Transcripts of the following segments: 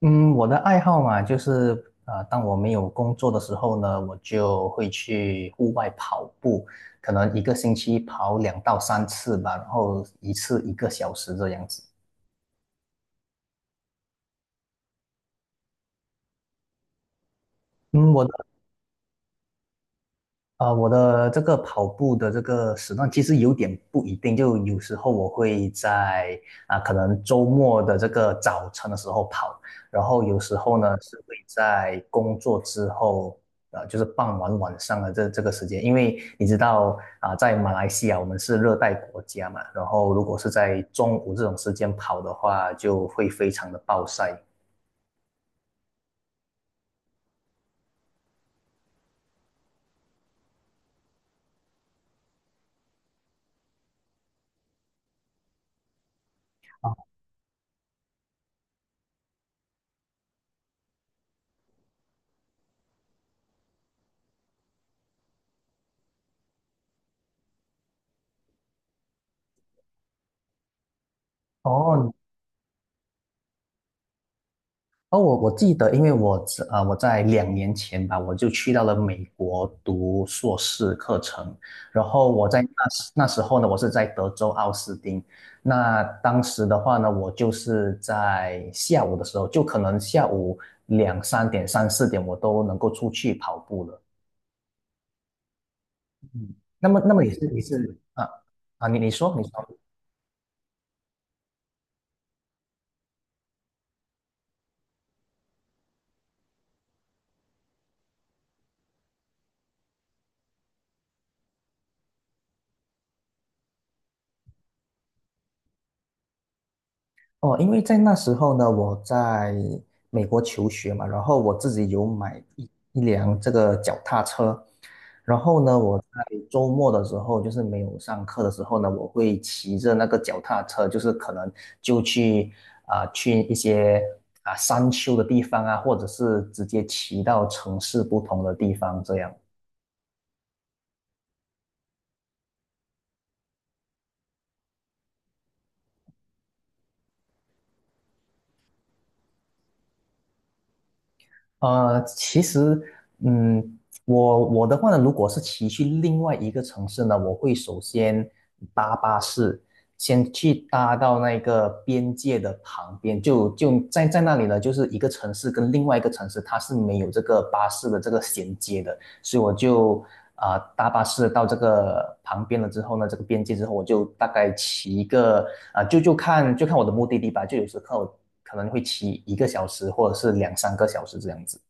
嗯，我的爱好嘛，就是当我没有工作的时候呢，我就会去户外跑步，可能1个星期跑2到3次吧，然后一次一个小时这样子。嗯，我的这个跑步的这个时段其实有点不一定，就有时候我会在可能周末的这个早晨的时候跑，然后有时候呢是会在工作之后，就是傍晚晚上的这个时间，因为你知道在马来西亚我们是热带国家嘛，然后如果是在中午这种时间跑的话，就会非常的暴晒。哦，哦，我记得，因为我在2年前吧，我就去到了美国读硕士课程，然后我在那时候呢，我是在德州奥斯汀。那当时的话呢，我就是在下午的时候，就可能下午2、3点、3、4点，我都能够出去跑步了。那么，你是你说，哦，因为在那时候呢，我在美国求学嘛，然后我自己有买一辆这个脚踏车，然后呢，我在周末的时候，就是没有上课的时候呢，我会骑着那个脚踏车，就是可能就去啊、去一些山丘的地方啊，或者是直接骑到城市不同的地方这样。其实，嗯，我的话呢，如果是骑去另外一个城市呢，我会首先搭巴士，先去搭到那个边界的旁边，就在那里呢，就是一个城市跟另外一个城市，它是没有这个巴士的这个衔接的，所以我就搭巴士到这个旁边了之后呢，这个边界之后，我就大概骑一个啊、呃就就看就看我的目的地吧，就有时候可能会骑一个小时或者是2、3个小时这样子。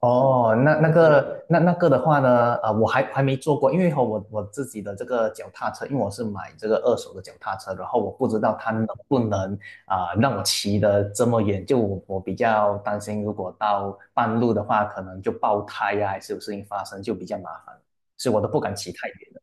那个的话呢，啊，我还没做过，因为和我自己的这个脚踏车，因为我是买这个二手的脚踏车，然后我不知道它能不能让我骑得这么远，就我比较担心，如果到半路的话，可能就爆胎呀、还是有事情发生，就比较麻烦，所以我都不敢骑太远的。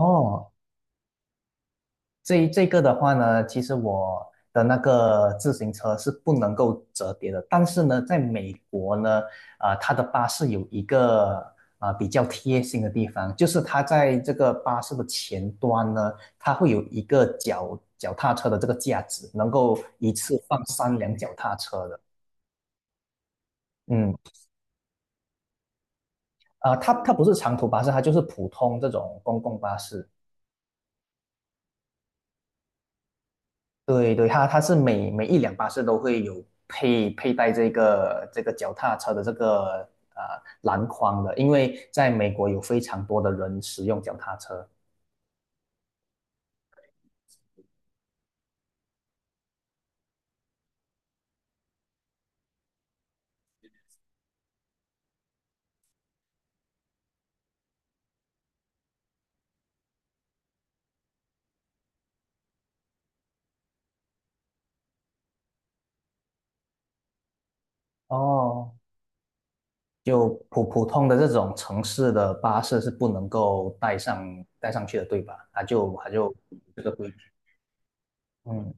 哦，这个的话呢，其实我的那个自行车是不能够折叠的，但是呢，在美国呢，它的巴士有一个比较贴心的地方，就是它在这个巴士的前端呢，它会有一个脚踏车的这个架子，能够一次放3辆脚踏车的。嗯，它不是长途巴士，它就是普通这种公共巴士。对对，它是每一辆巴士都会有佩戴这个脚踏车的这个呃篮筐的，因为在美国有非常多的人使用脚踏车。哦，就普通的这种城市的巴士是不能够带上去的，对吧？它就这个规矩。嗯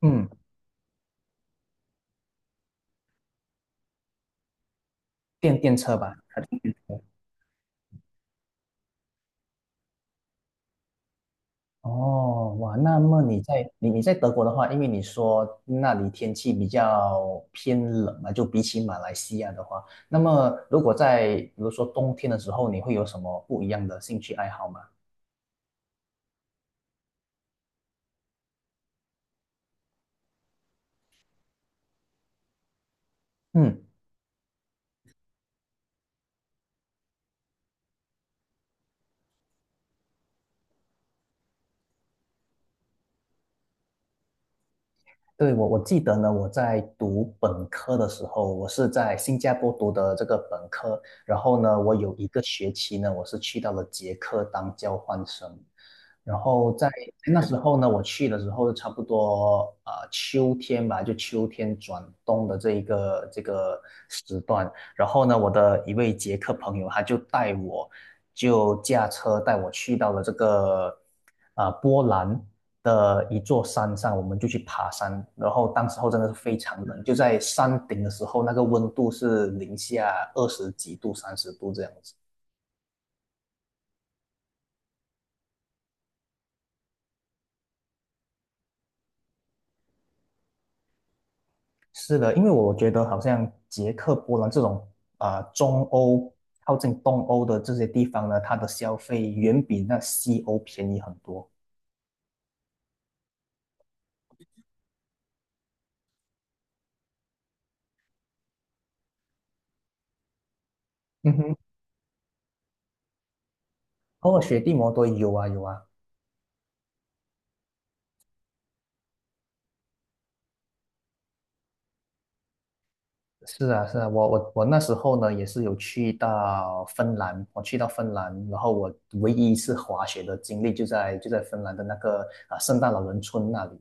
嗯，电车吧。哦，哇，那么你在你在德国的话，因为你说那里天气比较偏冷嘛，就比起马来西亚的话，那么如果在比如说冬天的时候，你会有什么不一样的兴趣爱好吗？嗯，对，我记得呢，我在读本科的时候，我是在新加坡读的这个本科，然后呢，我有一个学期呢，我是去到了捷克当交换生，然后在那时候呢，我去的时候差不多秋天吧，就秋天转冬的这个时段，然后呢，我的一位捷克朋友他就带我，就驾车带我去到了这个波兰的一座山上，我们就去爬山。然后当时候真的是非常冷，就在山顶的时候，那个温度是零下20几度、30度这样子。是的，因为我觉得好像捷克、波兰这种中欧靠近东欧的这些地方呢，它的消费远比那西欧便宜很多。嗯哼，哦，雪地摩托有啊有啊。是啊，是啊，我那时候呢也是有去到芬兰，我去到芬兰，然后我唯一一次滑雪的经历就在芬兰的那个圣诞老人村那里。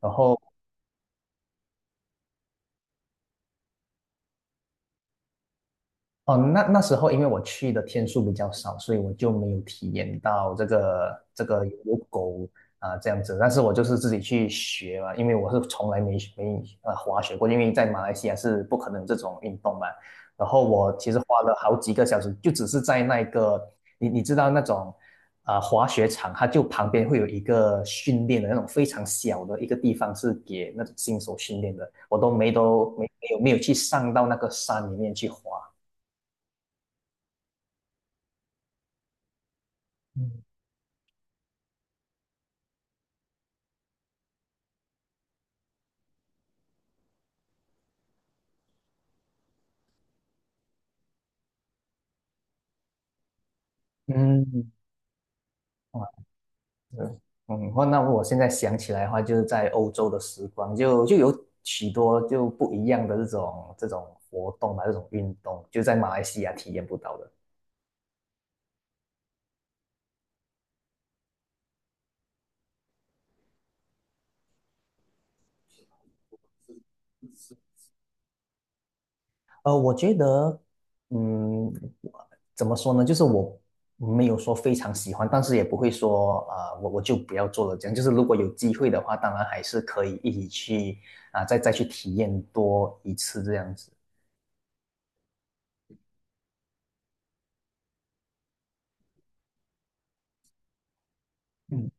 然后哦，那时候因为我去的天数比较少，所以我就没有体验到这个有狗这样子。但是我就是自己去学嘛，因为我是从来没滑雪过，因为在马来西亚是不可能这种运动嘛。然后我其实花了好几个小时，就只是在那个你知道那种滑雪场，它就旁边会有一个训练的那种非常小的一个地方，是给那种新手训练的。我都没有去上到那个山里面去滑。嗯，哇，对，嗯，哇，那我现在想起来的话，就是在欧洲的时光，就有许多不一样的这种活动吧，这种运动，就在马来西亚体验不到的。我觉得，嗯，怎么说呢？就是我没有说非常喜欢，但是也不会说，啊，我就不要做了这样。就是如果有机会的话，当然还是可以一起去再去体验多一次这样子。嗯。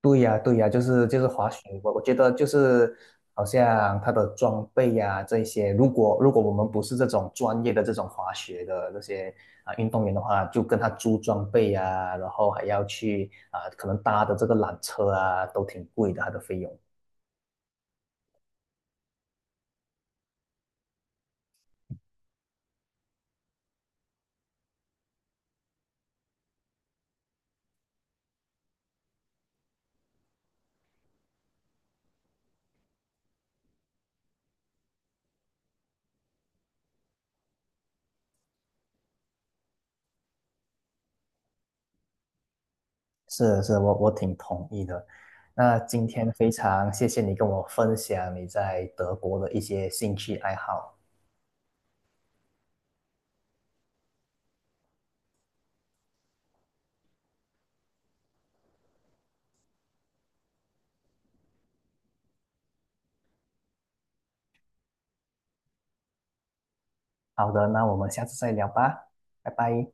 对呀，对呀，就是滑雪，我觉得就是好像它的装备呀、这些，如果我们不是这种专业的这种滑雪的这些运动员的话，就跟他租装备呀、然后还要去可能搭的这个缆车啊，都挺贵的，它的费用。是是，我挺同意的。那今天非常谢谢你跟我分享你在德国的一些兴趣爱好。好的，那我们下次再聊吧，拜拜。